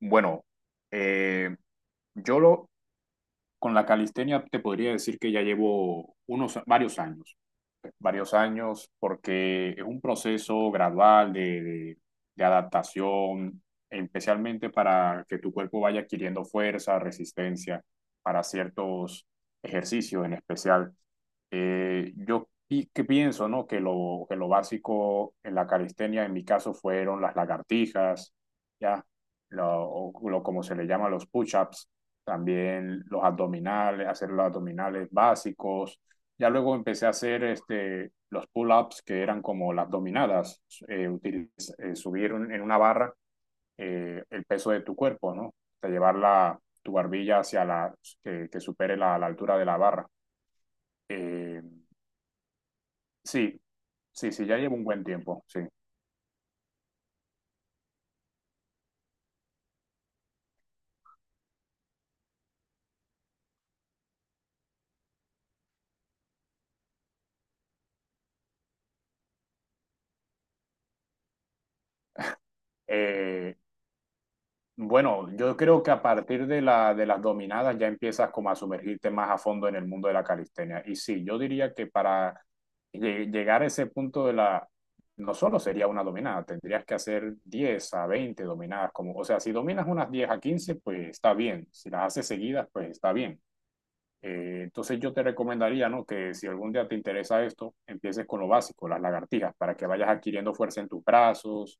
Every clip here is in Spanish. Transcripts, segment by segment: Bueno, eh, yo lo, con la calistenia te podría decir que ya llevo unos varios años porque es un proceso gradual de adaptación, especialmente para que tu cuerpo vaya adquiriendo fuerza, resistencia para ciertos ejercicios en especial. Yo pi que pienso, ¿no? que lo básico en la calistenia, en mi caso, fueron las lagartijas, ¿ya? Lo como se le llama, los push-ups, también los abdominales, hacer los abdominales básicos. Ya luego empecé a hacer los pull-ups, que eran como las dominadas. Subir en una barra el peso de tu cuerpo, ¿no? O llevar tu barbilla hacia que supere la altura de la barra. Eh, sí, sí, sí, ya llevo un buen tiempo, sí. Eh, Bueno, yo creo que a partir de las dominadas ya empiezas como a sumergirte más a fondo en el mundo de la calistenia. Y sí, yo diría que para llegar a ese punto no solo sería una dominada, tendrías que hacer 10 a 20 dominadas. Como, o sea, si dominas unas 10 a 15, pues está bien. Si las haces seguidas, pues está bien. Entonces yo te recomendaría, ¿no? Que si algún día te interesa esto, empieces con lo básico, las lagartijas, para que vayas adquiriendo fuerza en tus brazos,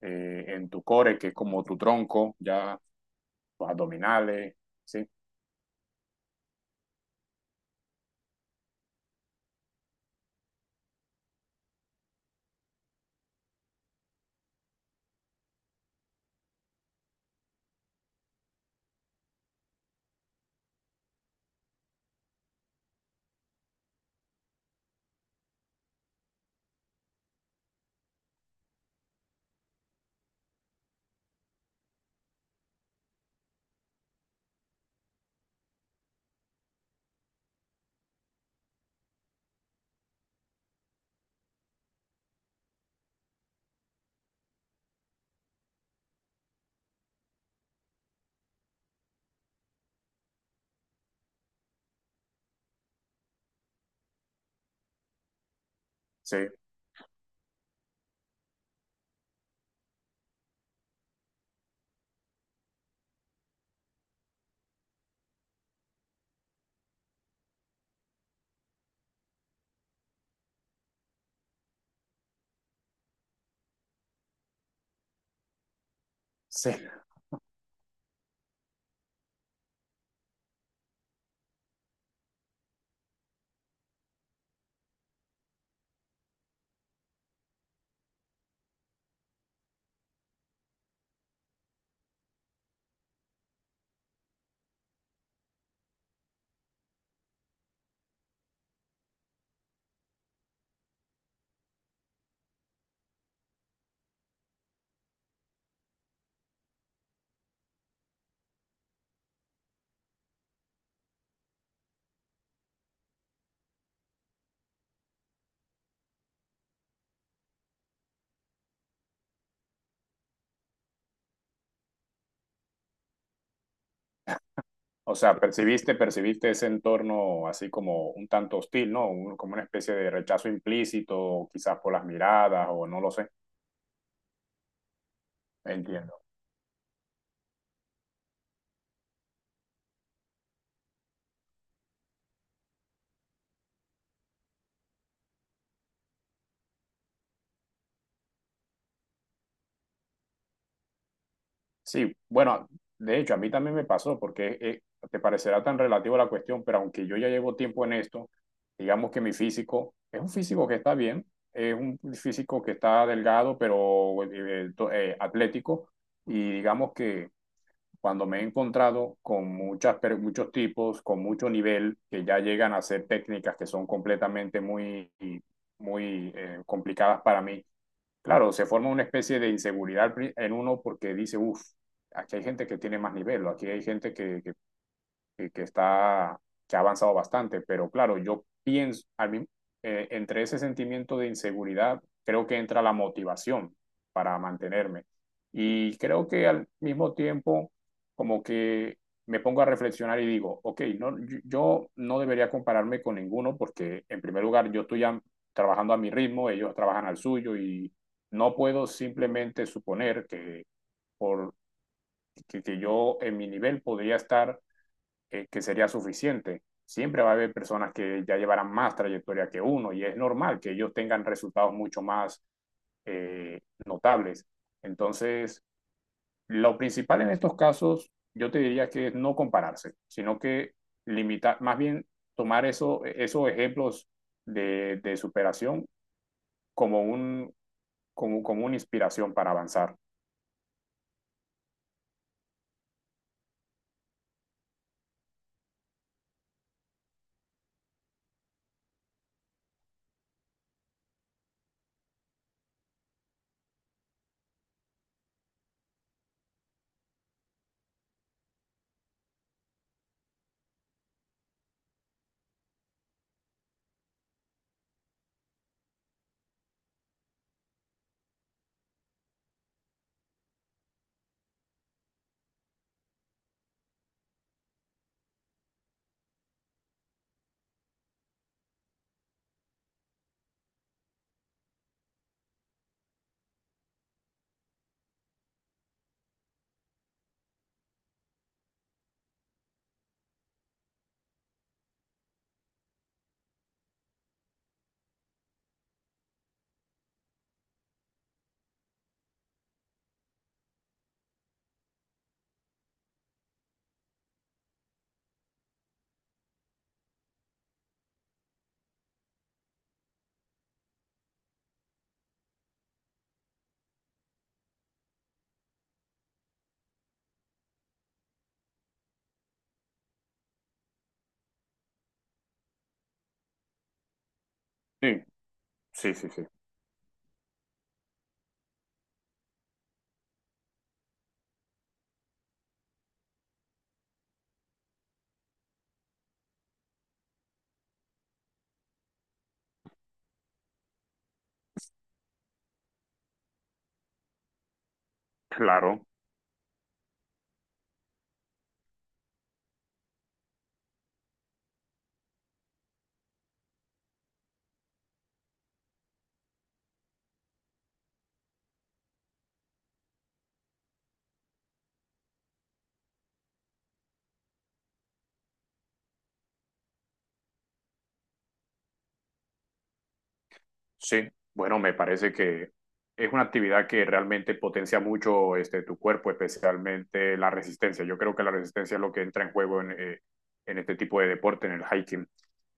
en tu core, que es como tu tronco, ya los abdominales, sí, sí, sí. O sea, percibiste ese entorno así como un tanto hostil, ¿no? Como una especie de rechazo implícito, quizás por las miradas, o no lo sé. Entiendo. Sí, bueno, de hecho, a mí también me pasó porque te parecerá tan relativo a la cuestión, pero aunque yo ya llevo tiempo en esto, digamos que mi físico es un físico que está bien, es un físico que está delgado, pero atlético, y digamos que cuando me he encontrado con muchos tipos, con mucho nivel, que ya llegan a hacer técnicas que son completamente muy, muy complicadas para mí. Claro, se forma una especie de inseguridad en uno porque dice: uff, aquí hay gente que tiene más nivel, o aquí hay gente que está, que ha avanzado bastante. Pero claro, yo pienso, entre ese sentimiento de inseguridad, creo que entra la motivación para mantenerme. Y creo que al mismo tiempo, como que me pongo a reflexionar y digo, ok, no, yo no debería compararme con ninguno, porque en primer lugar yo estoy ya trabajando a mi ritmo, ellos trabajan al suyo, y no puedo simplemente suponer que, por, que que yo en mi nivel podría estar que sería suficiente. Siempre va a haber personas que ya llevarán más trayectoria que uno, y es normal que ellos tengan resultados mucho más eh, notables. Entonces, lo principal en estos casos, yo te diría que es no compararse, sino que limitar, más bien tomar eso, esos ejemplos de superación como, un, como una inspiración para avanzar. Sí, sí, sí, sí. Claro. Sí, bueno, me parece que es una actividad que realmente potencia mucho tu cuerpo, especialmente la resistencia. Yo creo que la resistencia es lo que entra en juego en este tipo de deporte, en el hiking.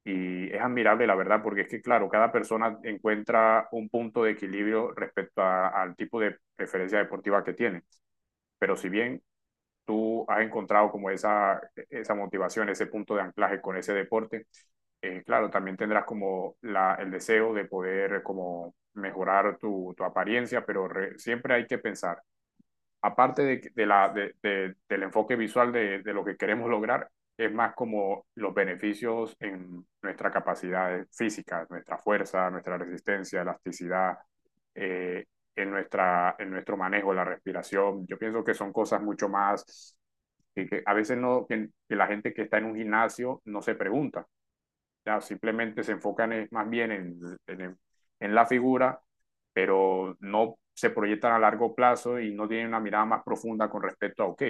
Y es admirable, la verdad, porque es que, claro, cada persona encuentra un punto de equilibrio respecto al tipo de preferencia deportiva que tiene. Pero si bien tú has encontrado como esa motivación, ese punto de anclaje con ese deporte, claro, también tendrás como el deseo de poder como mejorar tu apariencia, pero siempre hay que pensar, aparte de, que- de la, de- del enfoque visual de lo que queremos lograr, es más como los beneficios en nuestra capacidad física, nuestra fuerza, nuestra resistencia, elasticidad, eh, en nuestro manejo, la respiración. Yo pienso que son cosas mucho más que a veces no, que la gente que está en un gimnasio no se pregunta. Ya simplemente se enfocan más bien en, en la figura, pero no se proyectan a largo plazo y no tienen una mirada más profunda con respecto a, ok,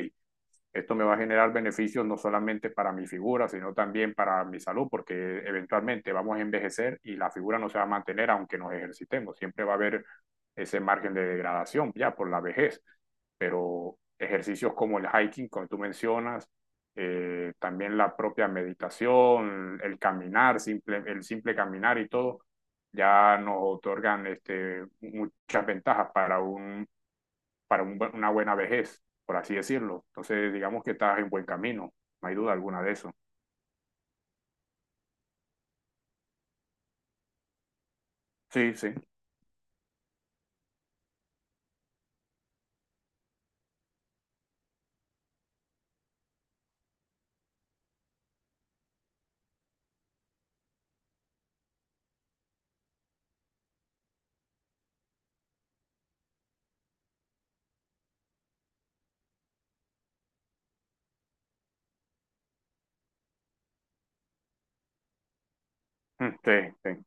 esto me va a generar beneficios no solamente para mi figura, sino también para mi salud, porque eventualmente vamos a envejecer y la figura no se va a mantener aunque nos ejercitemos. Siempre va a haber ese margen de degradación ya por la vejez. Pero ejercicios como el hiking, como tú mencionas, también la propia meditación, el caminar, simple, el simple caminar y todo, ya nos otorgan muchas ventajas para un para una buena vejez, por así decirlo. Entonces, digamos que estás en buen camino, no hay duda alguna de eso. Sí, sí, mm, sí, sí,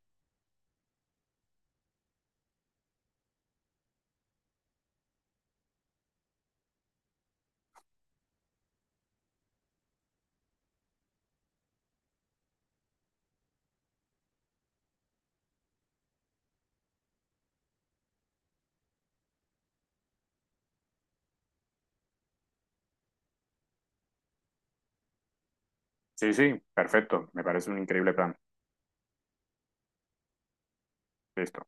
sí, sí, perfecto, me parece un increíble plan. Listo.